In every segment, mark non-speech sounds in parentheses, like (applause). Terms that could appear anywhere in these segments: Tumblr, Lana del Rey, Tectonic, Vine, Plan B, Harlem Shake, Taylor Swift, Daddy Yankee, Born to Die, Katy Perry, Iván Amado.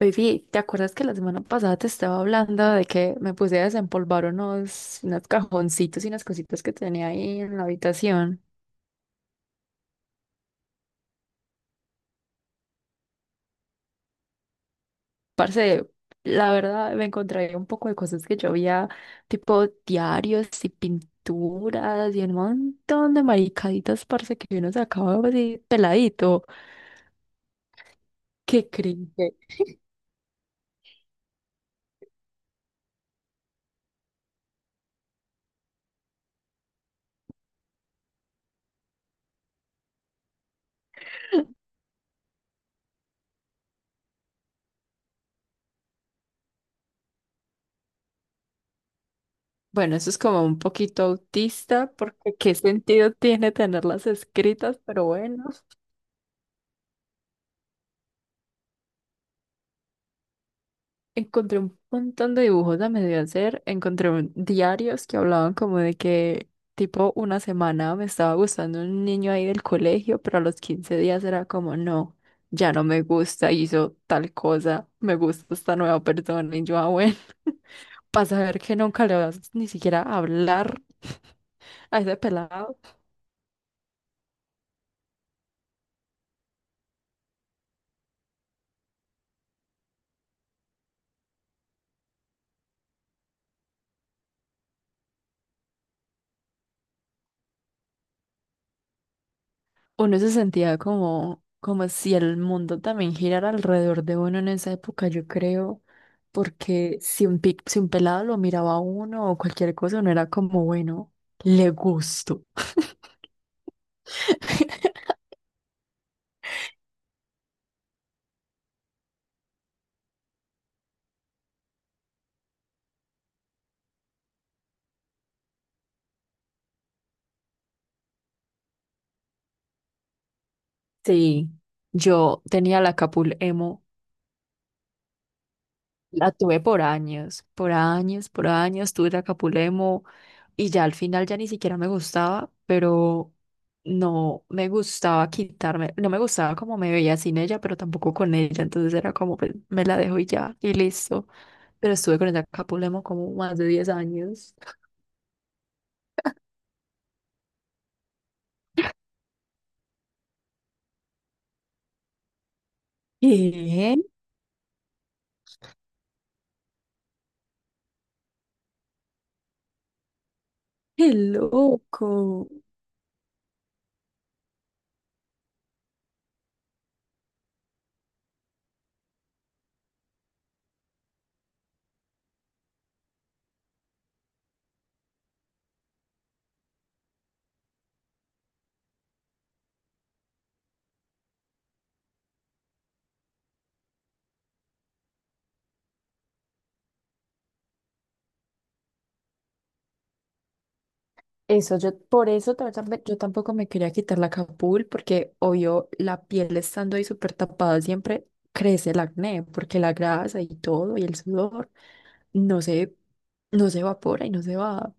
Baby, ¿te acuerdas que la semana pasada te estaba hablando de que me puse a desempolvar unos cajoncitos y unas cositas que tenía ahí en la habitación? Parce, la verdad me encontré un poco de cosas que yo había, tipo diarios y pinturas y un montón de maricaditas, parce, que uno sacaba así peladito. Qué cringe. Bueno, eso es como un poquito autista, porque qué sentido tiene tenerlas escritas, pero bueno. Encontré un montón de dibujos a medio hacer, encontré diarios que hablaban como de que tipo una semana me estaba gustando un niño ahí del colegio, pero a los 15 días era como, no, ya no me gusta, hizo tal cosa, me gusta esta nueva persona y yo, ah, bueno, (laughs) para saber que nunca le vas ni siquiera a hablar (laughs) a ese pelado. Uno se sentía como, como si el mundo también girara alrededor de uno en esa época, yo creo, porque si un pelado lo miraba a uno o cualquier cosa, uno era como, bueno, le gusto. (laughs) Sí, yo tenía la capul emo. La tuve por años, por años, por años, tuve Acapulemo y ya al final ya ni siquiera me gustaba, pero no me gustaba quitarme, no me gustaba como me veía sin ella, pero tampoco con ella, entonces era como pues, me la dejo y ya, y listo. Pero estuve con el Acapulemo como más de 10 años. ¿Qué? ¡Qué loco! Eso, yo por eso yo tampoco me quería quitar la capul porque obvio la piel estando ahí súper tapada siempre crece el acné porque la grasa y todo y el sudor no se, no se evapora y no se va.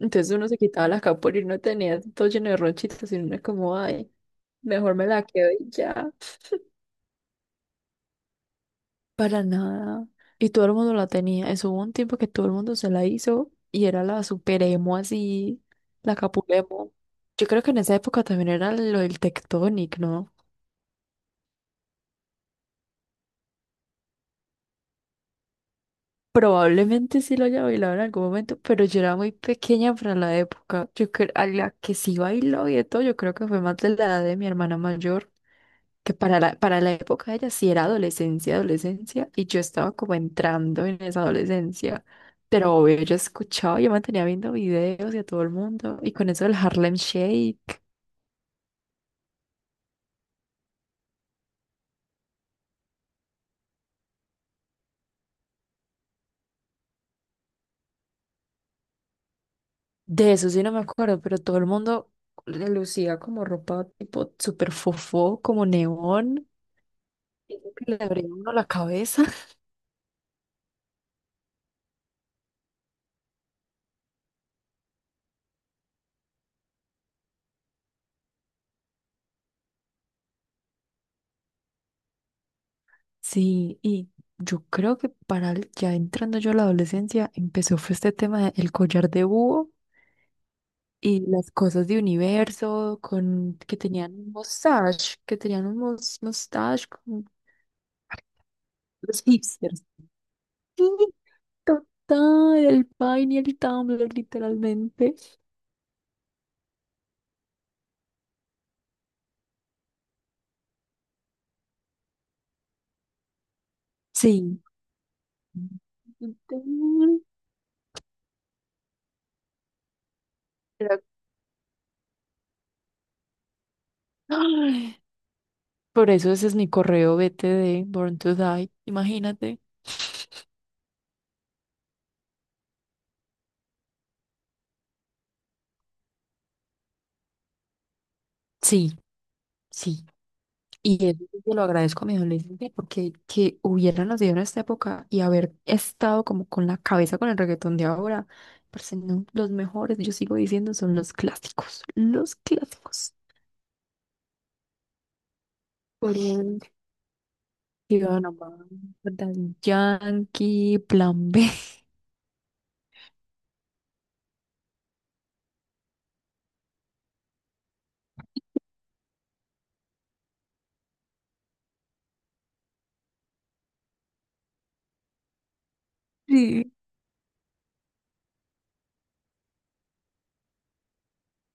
Entonces uno se quitaba la capul y no tenía todo lleno de ronchitas y uno es como, ay, mejor me la quedo y ya. Para nada. Y todo el mundo la tenía. Eso hubo un tiempo que todo el mundo se la hizo y era la super emo así, la capulemo. Yo creo que en esa época también era lo del Tectonic, ¿no? Probablemente sí lo haya bailado en algún momento, pero yo era muy pequeña para la época. Yo creo, a la que sí bailó y de todo, yo creo que fue más de la edad de mi hermana mayor. Que para la época de ella sí era adolescencia, adolescencia, y yo estaba como entrando en esa adolescencia. Pero obvio, yo escuchaba, yo mantenía viendo videos y a todo el mundo, y con eso del Harlem Shake, de eso sí no me acuerdo, pero todo el mundo le lucía como ropa tipo súper fofó, como neón, y eso que le abría uno la cabeza. (laughs) Sí, y yo creo que ya entrando yo a la adolescencia empezó fue este tema del collar de búho y las cosas de universo, con que tenían un mustache, que tenían un mustache, con los hipsters. Sí, total, el Vine y el Tumblr, literalmente. Sí. Total. Era- Ay, por eso ese es mi correo BTD, Born to Die, imagínate. Sí, sí. Y eso sí se lo agradezco a mi adolescente porque que hubiera nacido en esta época y haber estado como con la cabeza con el reggaetón de ahora, parce, no, los mejores, yo sigo diciendo, son los clásicos, los clásicos. Por el Iván Amado, Daddy Yankee, Plan B. (laughs) Sí.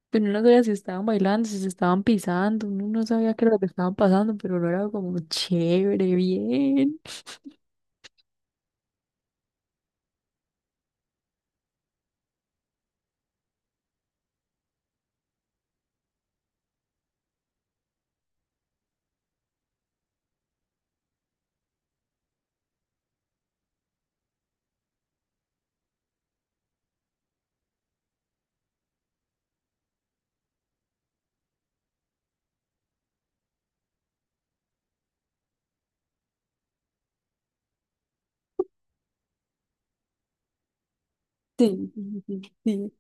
Pero uno no sabía si estaban bailando, si se estaban pisando, uno no sabía qué era lo que estaban pasando, pero lo era como chévere, bien. Sí, sí, sí, sí.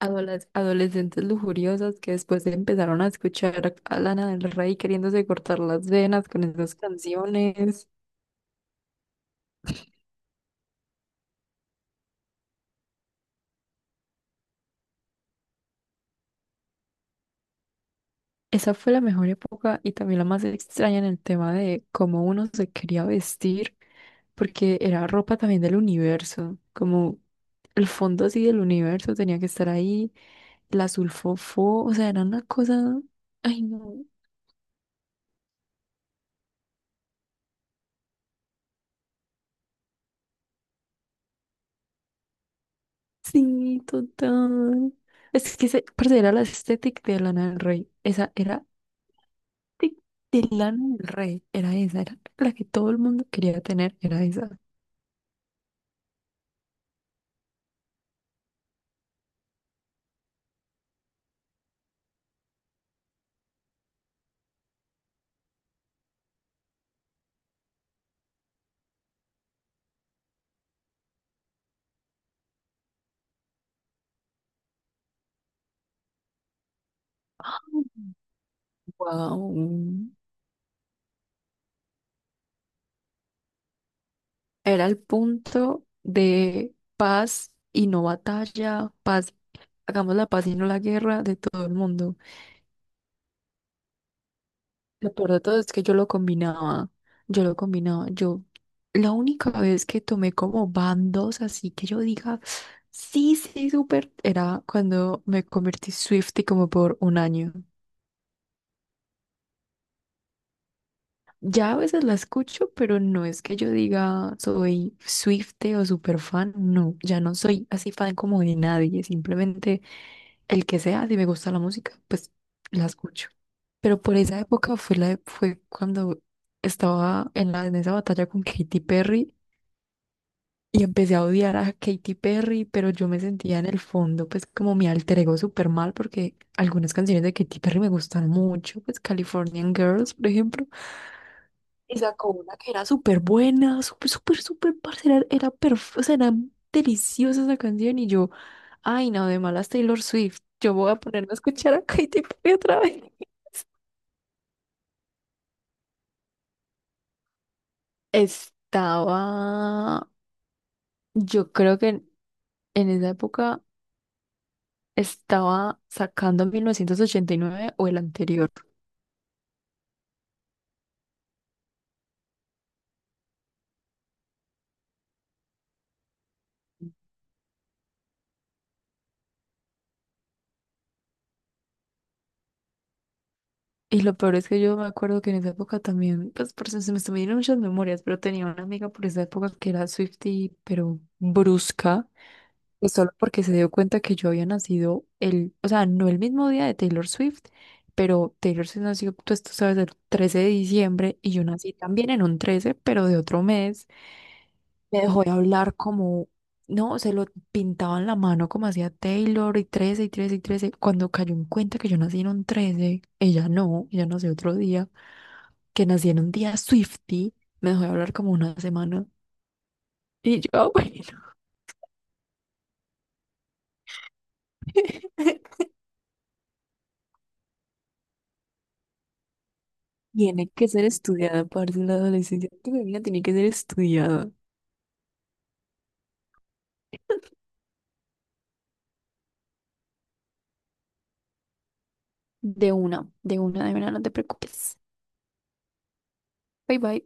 Adoles- adolescentes lujuriosas que después empezaron a escuchar a Lana del Rey queriéndose cortar las venas con esas canciones. Esa fue la mejor época y también la más extraña en el tema de cómo uno se quería vestir, porque era ropa también del universo, como el fondo así del universo tenía que estar ahí, la sulfofo, o sea, era una cosa, ay no, sí, total. Es que se, parce, era la estética de Lana del Rey, esa era de, de Lana del Rey, era esa, era la que todo el mundo quería tener, era esa. Wow. Era el punto de paz y no batalla, paz, hagamos la paz y no la guerra de todo el mundo. Lo peor de todo es que yo la única vez que tomé como bandos, así que yo diga, sí, sí, súper, era cuando me convertí Swiftie como por un año. Ya a veces la escucho, pero no es que yo diga soy Swiftie o super fan, no, ya no soy así fan como de nadie, simplemente el que sea, si me gusta la música, pues la escucho. Pero por esa época fue fue cuando estaba en la, en esa batalla con Katy Perry y empecé a odiar a Katy Perry, pero yo me sentía en el fondo pues como mi alter ego súper mal porque algunas canciones de Katy Perry me gustan mucho, pues Californian Girls, por ejemplo. Y sacó una que era súper buena, súper, súper, súper, parcera, era, perfecta, o sea, era deliciosa esa canción y yo, ay, no, de malas Taylor Swift, yo voy a ponerme a escuchar a Katy Perry otra vez. Estaba, yo creo que en esa época estaba sacando 1989 o el anterior. Y lo peor es que yo me acuerdo que en esa época también, pues por eso se me están viniendo muchas memorias, pero tenía una amiga por esa época que era Swiftie, pero brusca. Y solo porque se dio cuenta que yo había nacido el, o sea, no el mismo día de Taylor Swift, pero Taylor Swift nació, pues tú sabes, el 13 de diciembre y yo nací también en un 13, pero de otro mes. Me dejó de hablar como, no, se lo pintaba en la mano como hacía Taylor y 13 y 13 y 13. Cuando cayó en cuenta que yo nací en un 13, ella no, ella nació otro día, que nací en un día Swiftie, me dejó de hablar como una semana. Y yo, (laughs) tiene que ser estudiada, parte de la adolescencia. Tu bebida tiene que ser estudiada. De una, de una, de una, no te preocupes. Bye bye.